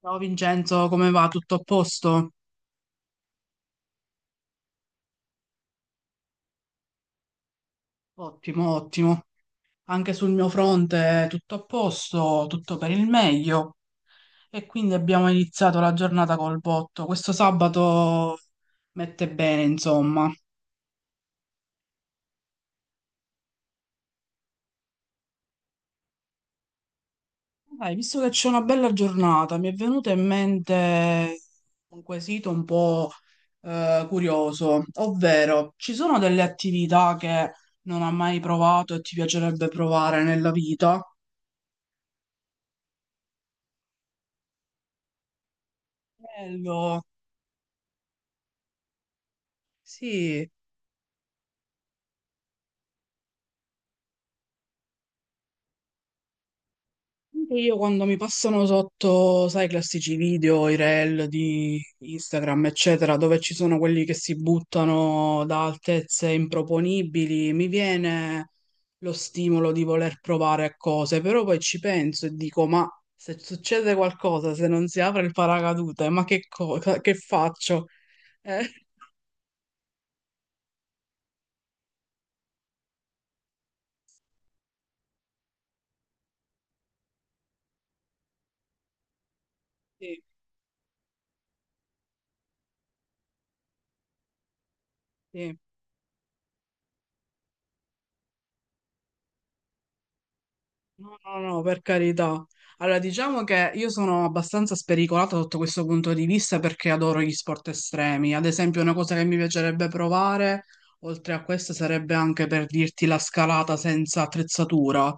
Ciao Vincenzo, come va? Tutto a posto? Ottimo, ottimo. Anche sul mio fronte tutto a posto, tutto per il meglio. E quindi abbiamo iniziato la giornata col botto. Questo sabato mette bene, insomma. Dai, visto che c'è una bella giornata, mi è venuto in mente un quesito un po' curioso, ovvero ci sono delle attività che non hai mai provato e ti piacerebbe provare nella vita? Bello, sì. Anche io quando mi passano sotto, sai, i classici video, i reel di Instagram, eccetera, dove ci sono quelli che si buttano da altezze improponibili, mi viene lo stimolo di voler provare cose, però poi ci penso e dico, ma se succede qualcosa, se non si apre il paracadute, ma che cosa, che faccio? Eh, sì, sì. No, no, no, per carità. Allora, diciamo che io sono abbastanza spericolata sotto questo punto di vista perché adoro gli sport estremi. Ad esempio, una cosa che mi piacerebbe provare, oltre a questo, sarebbe anche per dirti la scalata senza attrezzatura,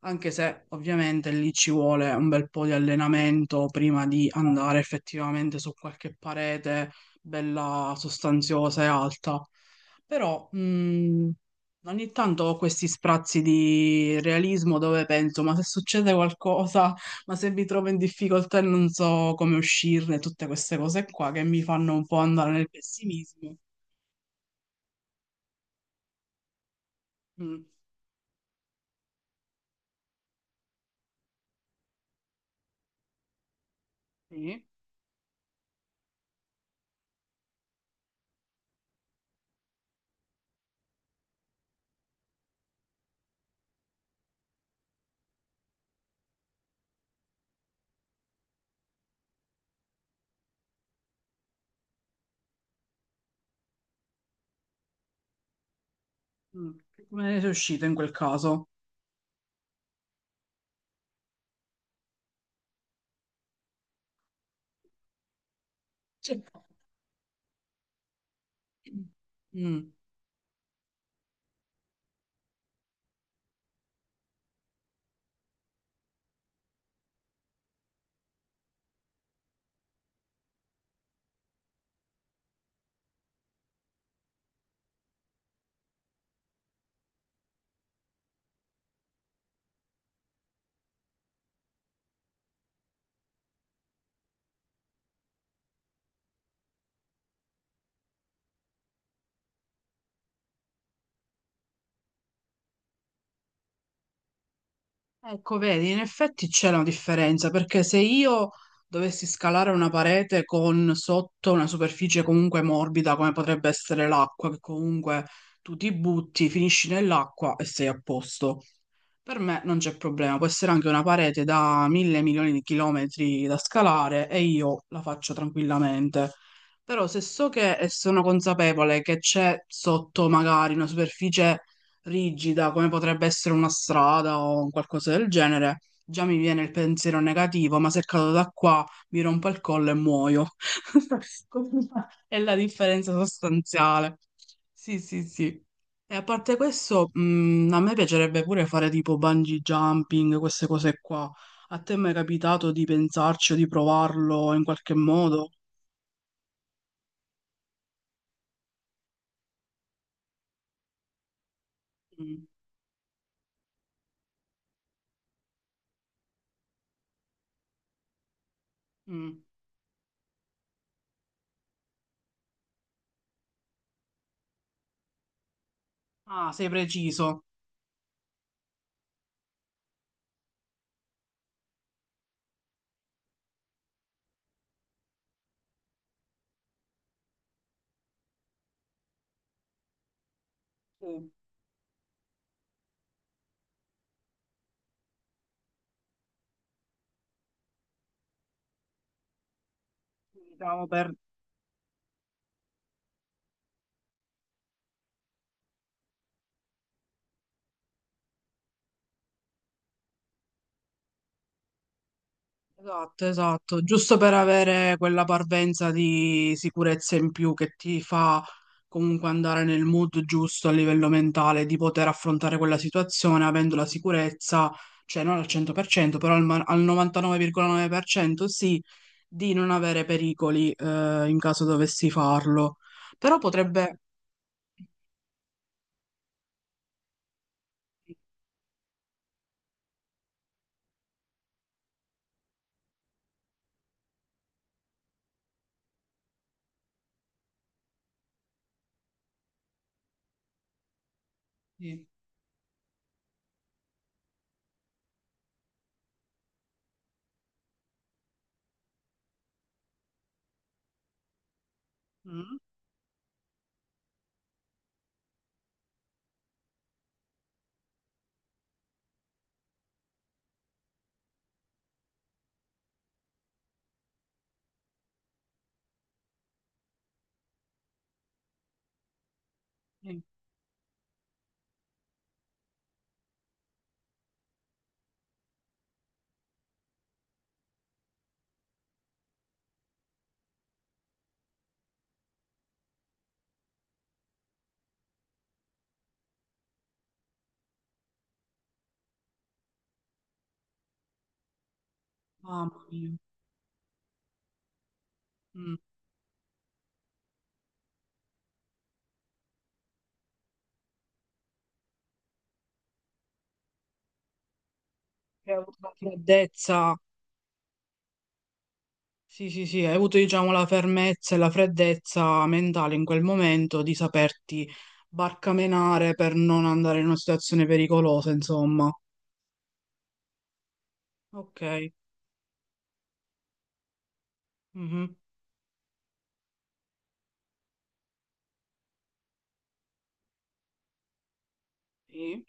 anche se ovviamente lì ci vuole un bel po' di allenamento prima di andare effettivamente su qualche parete bella sostanziosa e alta. Però, ogni tanto ho questi sprazzi di realismo dove penso, ma se succede qualcosa, ma se mi trovo in difficoltà e non so come uscirne, tutte queste cose qua che mi fanno un po' andare nel pessimismo. Mm, sì. Mm. Come ne sei uscito in quel caso? Cioè, mm. Ecco, vedi, in effetti c'è una differenza perché se io dovessi scalare una parete con sotto una superficie comunque morbida, come potrebbe essere l'acqua, che comunque tu ti butti, finisci nell'acqua e sei a posto. Per me non c'è problema, può essere anche una parete da mille milioni di chilometri da scalare e io la faccio tranquillamente. Però se so che e sono consapevole che c'è sotto magari una superficie rigida, come potrebbe essere una strada o un qualcosa del genere, già mi viene il pensiero negativo, ma se cado da qua mi rompo il collo e muoio. Questa è la differenza sostanziale. Sì, sì, sì. E a parte questo, a me piacerebbe pure fare tipo bungee jumping, queste cose qua. A te è mai capitato di pensarci o di provarlo in qualche modo? Mm, mm. Ah, sei preciso. Sì, sì, diciamo per esatto, esatto, giusto per avere quella parvenza di sicurezza in più che ti fa comunque andare nel mood giusto a livello mentale di poter affrontare quella situazione avendo la sicurezza, cioè non al 100%, però al 99,9% sì, di non avere pericoli in caso dovessi farlo. Però potrebbe... Sì. Mm? Sì. Mamma mia. Mm. Che ho avuto una freddezza. Sì, sì, sì, hai avuto, diciamo, la fermezza e la freddezza mentale in quel momento di saperti barcamenare per non andare in una situazione pericolosa, insomma. Ok. Mhm. Sì,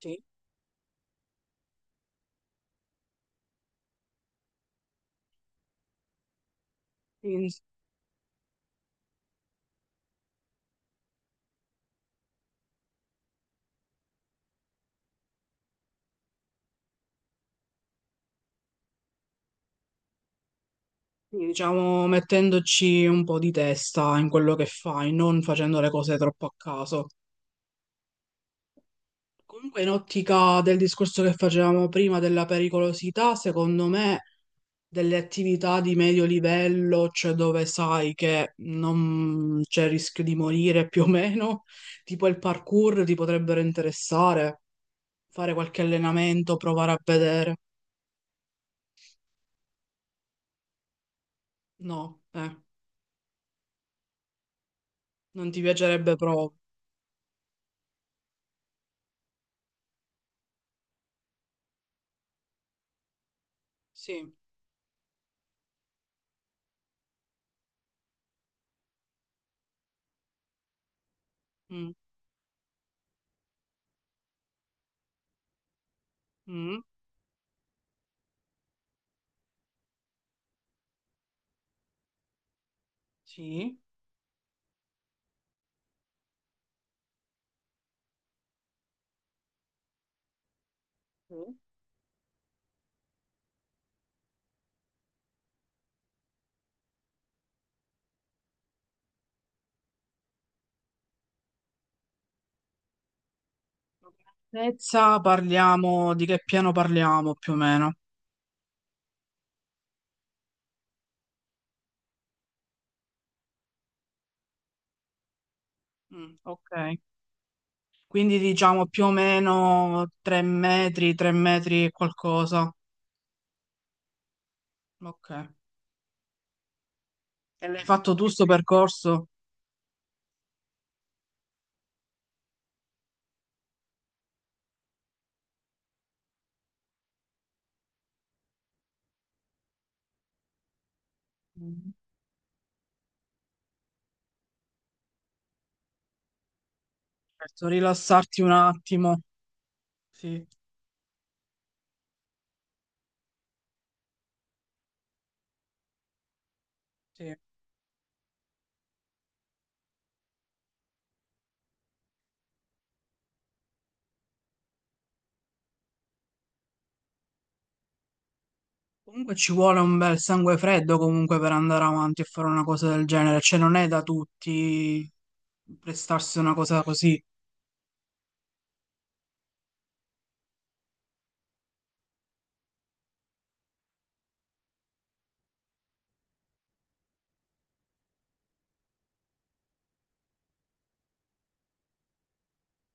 sì. Sì, sì, diciamo, mettendoci un po' di testa in quello che fai, non facendo le cose troppo a caso. Comunque, in ottica del discorso che facevamo prima della pericolosità, secondo me, delle attività di medio livello, cioè dove sai che non c'è rischio di morire più o meno, tipo il parkour ti potrebbero interessare, fare qualche allenamento, provare a vedere. No, non ti piacerebbe proprio. Sì. Mm, mm, sì. Mm. Altezza, parliamo di che piano parliamo più o meno. Mm, ok. Quindi diciamo più o meno 3 metri, 3 metri e qualcosa. Ok. E l'hai fatto tu sto percorso? Mm, certo, rilassarti un attimo. Sì, sì. Comunque ci vuole un bel sangue freddo comunque per andare avanti e fare una cosa del genere. Cioè non è da tutti prestarsi una cosa così.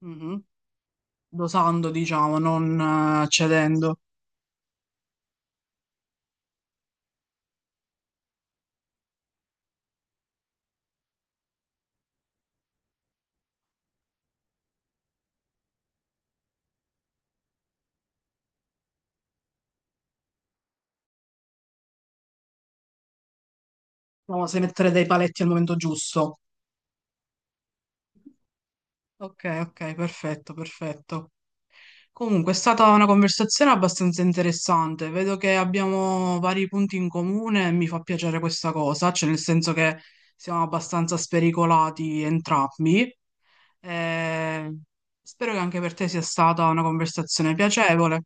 Mhm. Dosando, diciamo, non cedendo. Proviamo a mettere dei paletti al momento giusto. Ok, ok, perfetto, perfetto. Comunque è stata una conversazione abbastanza interessante. Vedo che abbiamo vari punti in comune e mi fa piacere questa cosa, cioè nel senso che siamo abbastanza spericolati entrambi. Eh, spero che anche per te sia stata una conversazione piacevole.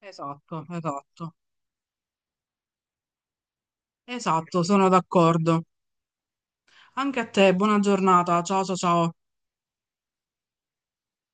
Esatto, esatto. Esatto, sono d'accordo. Anche a te, buona giornata. Ciao, ciao, ciao.